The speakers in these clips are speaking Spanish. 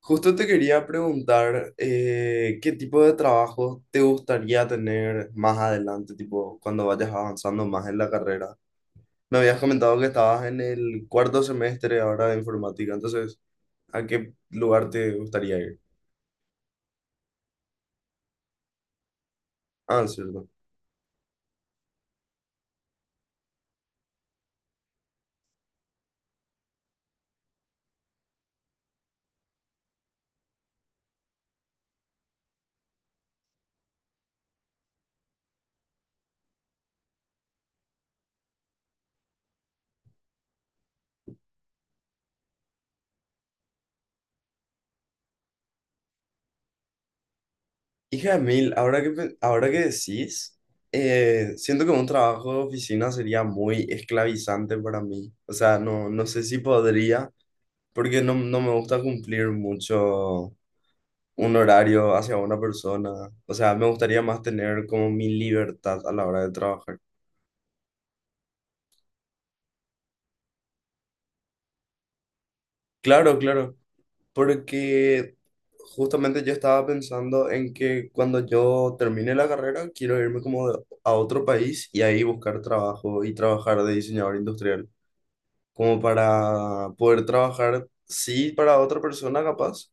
Justo te quería preguntar qué tipo de trabajo te gustaría tener más adelante, tipo cuando vayas avanzando más en la carrera. Me habías comentado que estabas en el cuarto semestre ahora de informática, entonces, ¿a qué lugar te gustaría ir? Ah, cierto. Hija de mil, ahora que, ahora que decís, siento que un trabajo de oficina sería muy esclavizante para mí. O sea, no, no sé si podría, porque no, no me gusta cumplir mucho un horario hacia una persona. O sea, me gustaría más tener como mi libertad a la hora de trabajar. Claro, claro, porque justamente yo estaba pensando en que cuando yo termine la carrera quiero irme como a otro país y ahí buscar trabajo y trabajar de diseñador industrial, como para poder trabajar, sí, para otra persona capaz.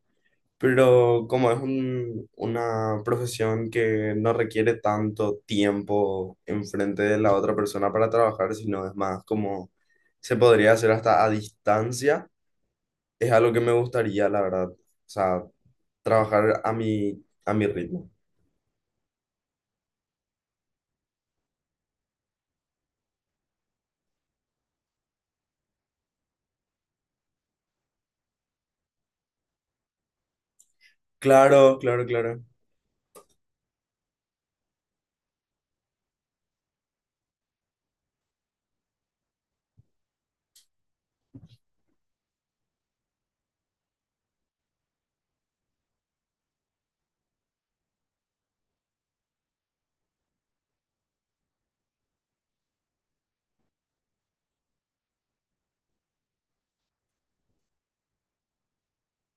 Pero como es una profesión que no requiere tanto tiempo enfrente de la otra persona para trabajar, sino es más como se podría hacer hasta a distancia, es algo que me gustaría, la verdad. O sea, trabajar a a mi ritmo. Claro, claro, claro.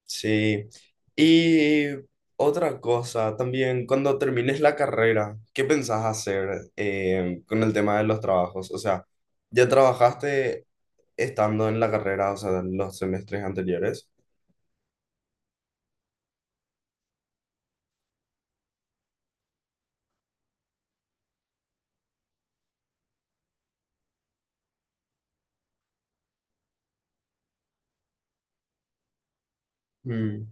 Sí. Y otra cosa también, cuando termines la carrera, ¿qué pensás hacer con el tema de los trabajos? O sea, ¿ya trabajaste estando en la carrera, o sea, en los semestres anteriores? Mm.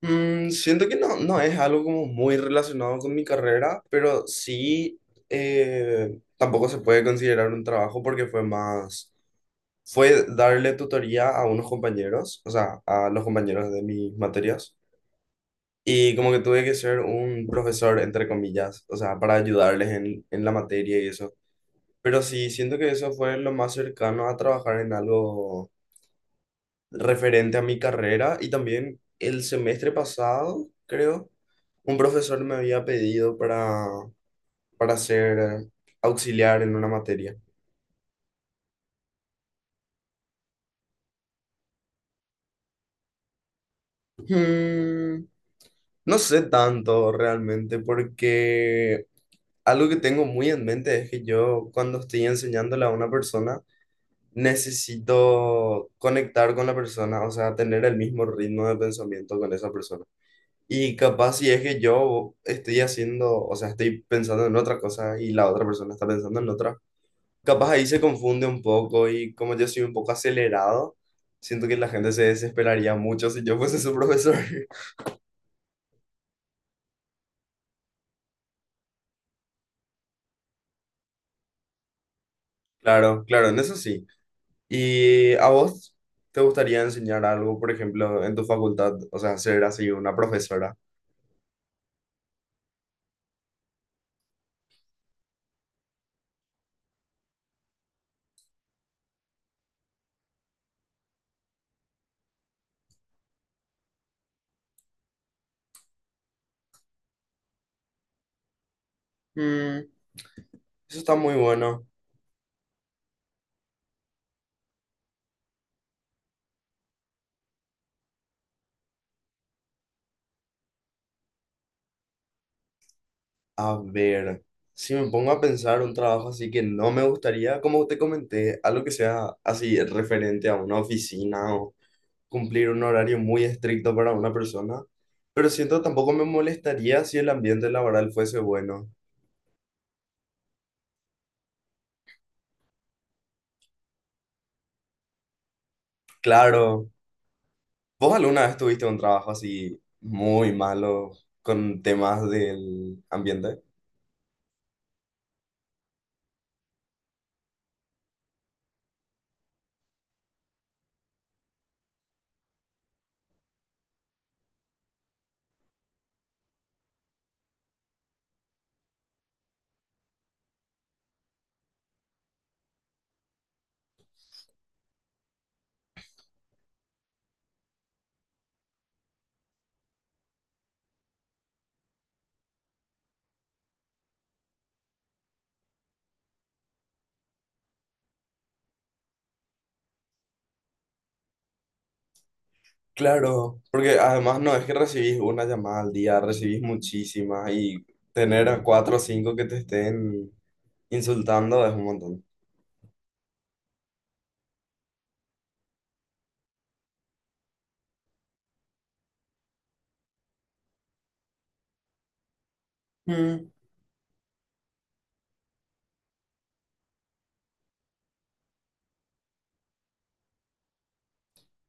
Mm, siento que no, no es algo como muy relacionado con mi carrera, pero sí, tampoco se puede considerar un trabajo porque fue más, fue darle tutoría a unos compañeros, o sea, a los compañeros de mis materias. Y como que tuve que ser un profesor, entre comillas, o sea, para ayudarles en la materia y eso. Pero sí, siento que eso fue lo más cercano a trabajar en algo referente a mi carrera. Y también el semestre pasado, creo, un profesor me había pedido para ser auxiliar en una materia. Hmm, no sé tanto realmente, porque algo que tengo muy en mente es que yo cuando estoy enseñándole a una persona, necesito conectar con la persona, o sea, tener el mismo ritmo de pensamiento con esa persona. Y capaz si es que yo estoy haciendo, o sea, estoy pensando en otra cosa y la otra persona está pensando en otra, capaz ahí se confunde un poco y como yo soy un poco acelerado, siento que la gente se desesperaría mucho si yo fuese su profesor. Claro, claro, en eso sí. ¿Y a vos te gustaría enseñar algo, por ejemplo, en tu facultad? O sea, ser así una profesora. Mm, eso está muy bueno. A ver, si me pongo a pensar un trabajo así que no me gustaría, como te comenté, algo que sea así referente a una oficina o cumplir un horario muy estricto para una persona, pero siento tampoco me molestaría si el ambiente laboral fuese bueno. Claro, ¿vos alguna vez tuviste un trabajo así muy malo con temas del ambiente? Claro, porque además no es que recibís una llamada al día, recibís muchísimas y tener a cuatro o cinco que te estén insultando es un montón. Mm.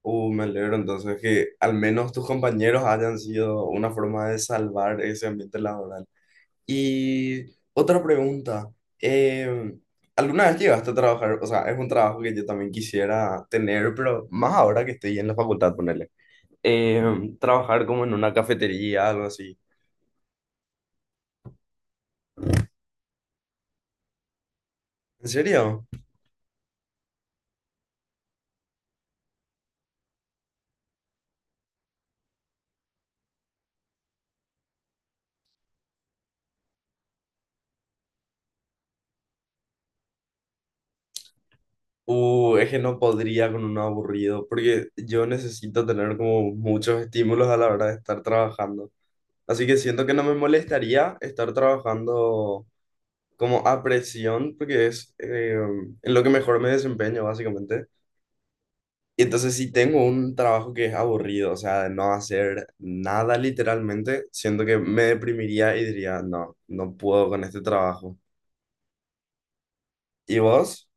Me alegro entonces que al menos tus compañeros hayan sido una forma de salvar ese ambiente laboral. Y otra pregunta, eh, ¿alguna vez llegaste a trabajar? O sea, es un trabajo que yo también quisiera tener, pero más ahora que estoy en la facultad, ponerle. Trabajar como en una cafetería, algo así. ¿En serio? Es que no podría con un aburrido, porque yo necesito tener como muchos estímulos a la hora de estar trabajando. Así que siento que no me molestaría estar trabajando como a presión, porque es en lo que mejor me desempeño, básicamente. Y entonces si tengo un trabajo que es aburrido, o sea, de no hacer nada literalmente, siento que me deprimiría y diría, no, no puedo con este trabajo. ¿Y vos?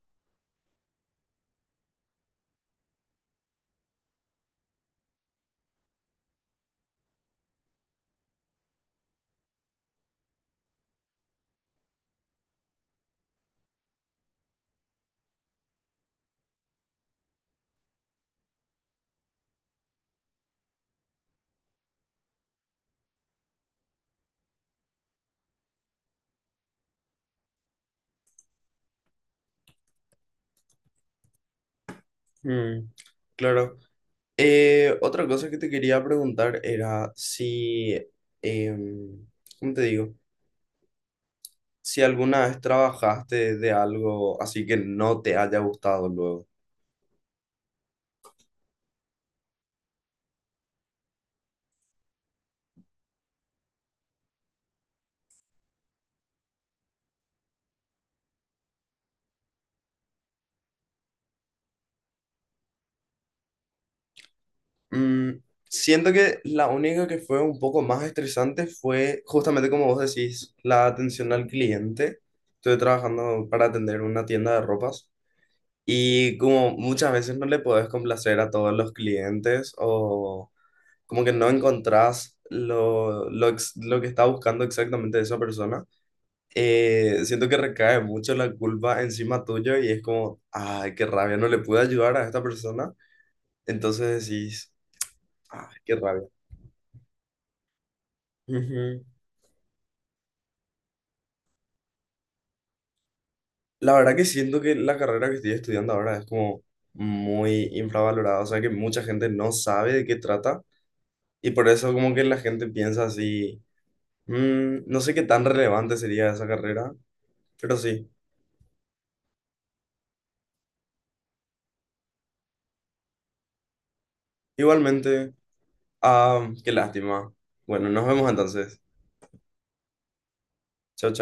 Mm, claro. Otra cosa que te quería preguntar era si, em, ¿cómo te digo? Si alguna vez trabajaste de algo así que no te haya gustado luego. Mm, siento que la única que fue un poco más estresante fue justamente como vos decís, la atención al cliente. Estuve trabajando para atender una tienda de ropas y como muchas veces no le podés complacer a todos los clientes o como que no encontrás lo, lo que está buscando exactamente esa persona. Eh, siento que recae mucho la culpa encima tuyo y es como, ay, qué rabia, no le pude ayudar a esta persona. Entonces decís, ay, qué rabia. Ujú. La verdad que siento que la carrera que estoy estudiando ahora es como muy infravalorada, o sea que mucha gente no sabe de qué trata y por eso como que la gente piensa así, "Mm, no sé qué tan relevante sería esa carrera, pero sí, igualmente, ah, qué lástima. Bueno, nos vemos entonces. Chao, chao.